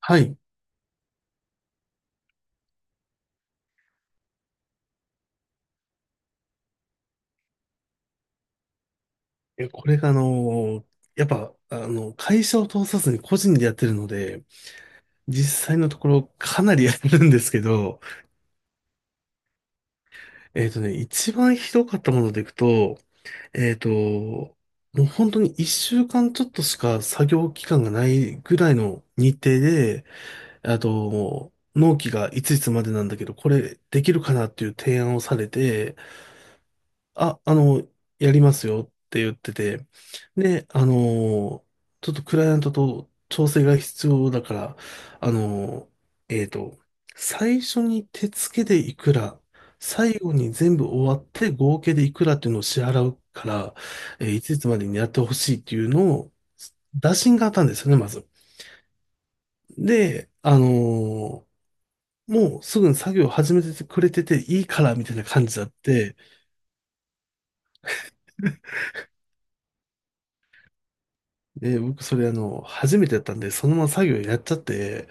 はい。いや、これがやっぱ、会社を通さずに個人でやってるので、実際のところかなりやるんですけど、一番ひどかったものでいくと、もう本当に一週間ちょっとしか作業期間がないぐらいの日程で、あと、納期がいついつまでなんだけど、これできるかなっていう提案をされて、あ、あの、やりますよって言ってて、で、ちょっとクライアントと調整が必要だから、あの、えっと、最初に手付けでいくら、最後に全部終わって合計でいくらっていうのを支払うから、いついつまでにやってほしいっていうのを、打診があったんですよね、まず。で、ーもうすぐに作業を始めてくれてていいからみたいな感じだって、で、僕それ初めてやったんで、そのまま作業やっちゃって、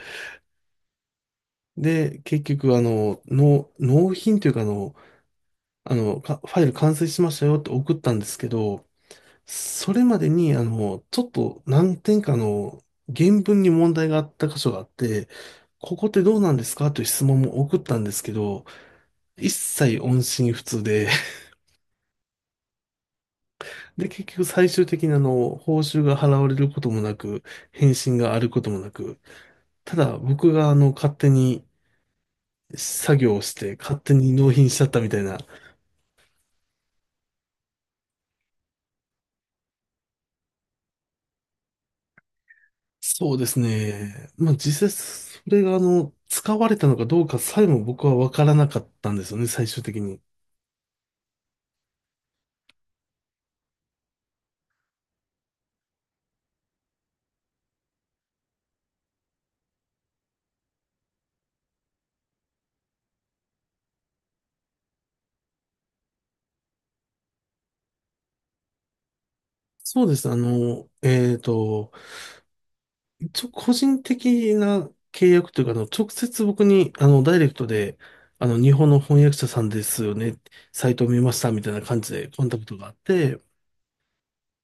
で、結局納品というかファイル完成しましたよって送ったんですけど、それまでにちょっと何点かの原文に問題があった箇所があって、ここってどうなんですかという質問も送ったんですけど、一切音信不通で、で、結局最終的に報酬が払われることもなく、返信があることもなく、ただ僕が勝手に作業をして勝手に納品しちゃったみたいな。そうですね。まあ実際それが使われたのかどうかさえも僕はわからなかったんですよね、最終的に。そうです。一応個人的な契約というか、直接僕に、ダイレクトで、日本の翻訳者さんですよね、サイトを見ましたみたいな感じでコンタクトがあって、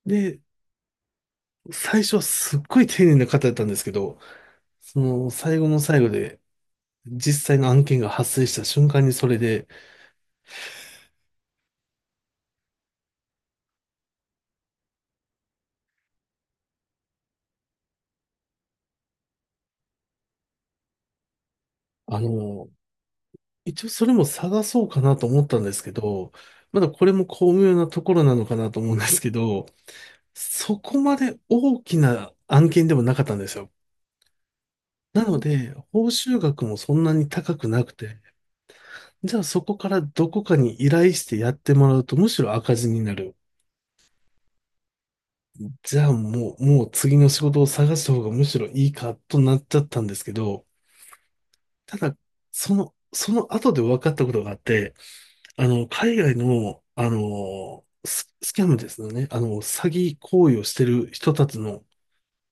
で、最初はすっごい丁寧な方だったんですけど、その、最後の最後で、実際の案件が発生した瞬間にそれで、あの、一応それも探そうかなと思ったんですけど、まだこれも巧妙なところなのかなと思うんですけど、そこまで大きな案件でもなかったんですよ。なので、報酬額もそんなに高くなくて、じゃあそこからどこかに依頼してやってもらうとむしろ赤字になる。じゃあもう次の仕事を探した方がむしろいいかとなっちゃったんですけど、ただ、その後で分かったことがあって、海外の、スキャムですよね。詐欺行為をしてる人たちの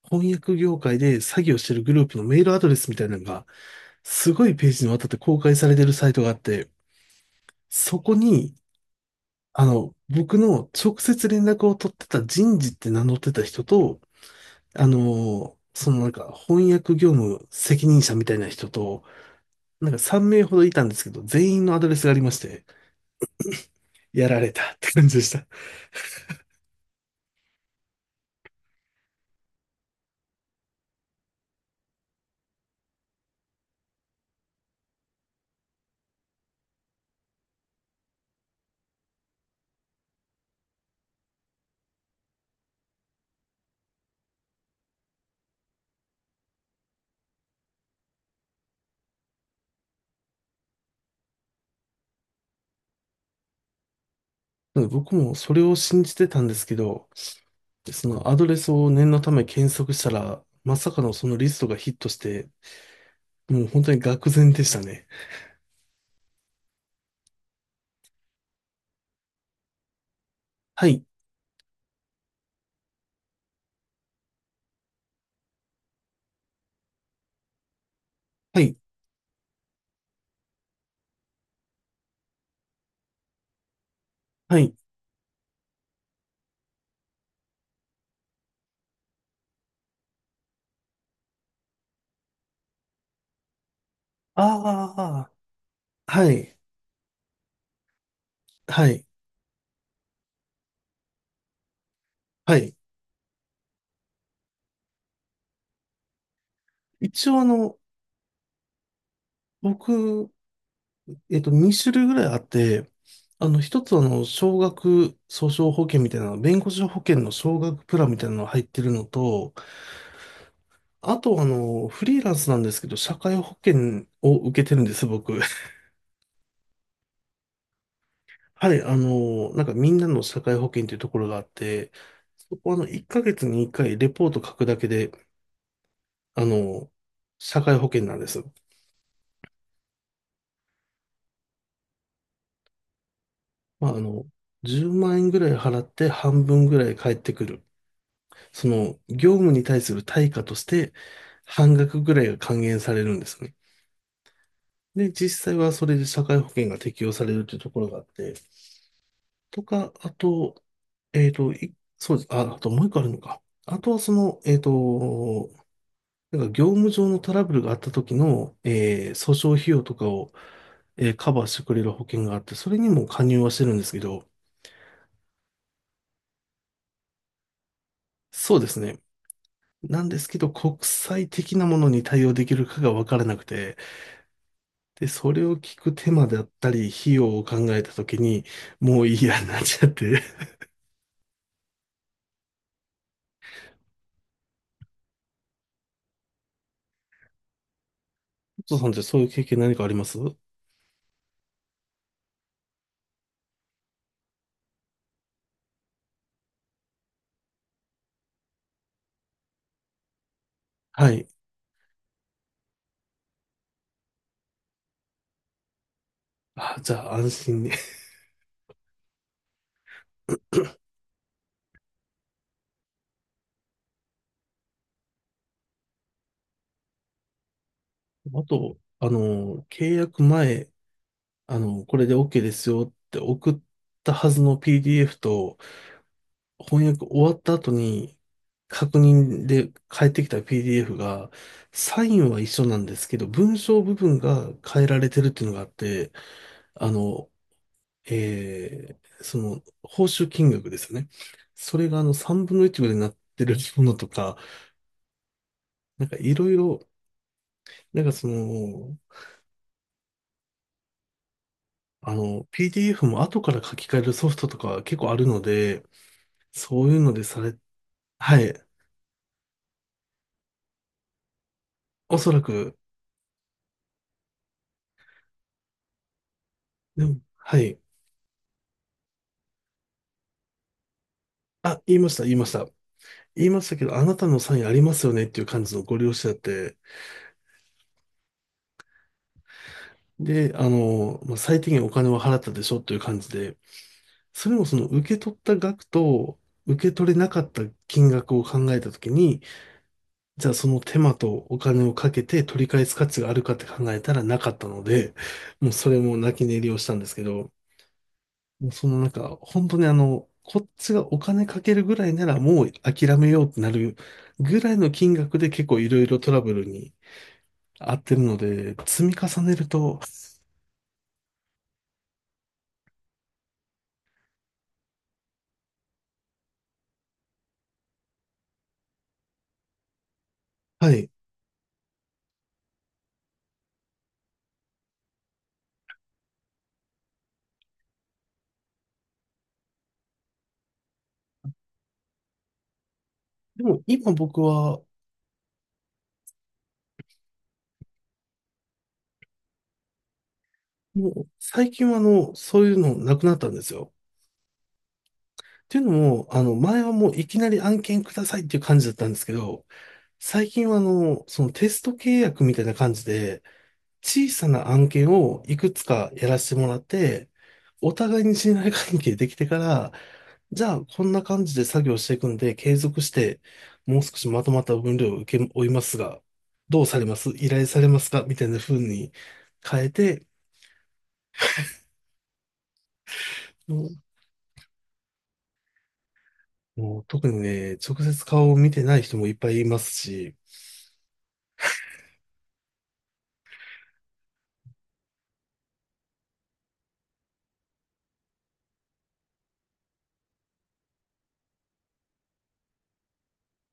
翻訳業界で詐欺をしてるグループのメールアドレスみたいなのが、すごいページにわたって公開されてるサイトがあって、そこに、僕の直接連絡を取ってた人事って名乗ってた人と、なんか翻訳業務責任者みたいな人と、なんか3名ほどいたんですけど、全員のアドレスがありまして、やられたって感じでした。なんか僕もそれを信じてたんですけど、そのアドレスを念のため検索したら、まさかのそのリストがヒットして、もう本当に愕然でしたね。はい、はい、はい。ああ、はい、はい、はい。一応僕、2種類ぐらいあって、一つは少額訴訟保険みたいな、弁護士保険の少額プランみたいなのが入ってるのと、あとフリーランスなんですけど、社会保険を受けてるんです、僕。はい、なんかみんなの社会保険というところがあって、そこは1ヶ月に1回レポート書くだけで、あの、社会保険なんです。まあ、10万円ぐらい払って半分ぐらい返ってくる。その、業務に対する対価として、半額ぐらいが還元されるんですね。で、実際はそれで社会保険が適用されるというところがあって、とか、あと、えっと、いそうです。あ、あともう一個あるのか。あとはなんか業務上のトラブルがあった時の、訴訟費用とかを、カバーしてくれる保険があって、それにも加入はしてるんですけど、そうですね。なんですけど、国際的なものに対応できるかが分からなくて、で、それを聞く手間だったり、費用を考えた時に、もういいやになっちゃって。お父さんってそういう経験何かあります？はい。あ、じゃあ安心ね。あと、契約前、これで OK ですよって送ったはずの PDF と、翻訳終わった後に、確認で返ってきた PDF が、サインは一緒なんですけど、文章部分が変えられてるっていうのがあって、あの、報酬金額ですよね。それが3分の1ぐらいになってるものとか、なんかいろいろ、なんかPDF も後から書き換えるソフトとか結構あるので、そういうのでされ、はい、おそらく、でも、はい。あ、言いました、言いました。言いましたけど、あなたのサインありますよねっていう感じのご利用者だって、で、まあ、最低限お金は払ったでしょっていう感じで、それもその受け取った額と受け取れなかった金額を考えたときに、じゃあその手間とお金をかけて取り返す価値があるかって考えたらなかったので、もうそれも泣き寝入りをしたんですけど、もうなんか、本当にこっちがお金かけるぐらいならもう諦めようってなるぐらいの金額で結構いろいろトラブルに合ってるので、積み重ねると、はい。でも今僕は、もう最近はそういうのなくなったんですよ。っていうのも、前はもういきなり案件くださいっていう感じだったんですけど、最近はそのテスト契約みたいな感じで、小さな案件をいくつかやらせてもらって、お互いに信頼関係できてから、じゃあこんな感じで作業していくんで、継続して、もう少しまとまった分量を受け負いますが、どうされます依頼されますかみたいな風に変えて、もうもう特にね、直接顔を見てない人もいっぱいいますし、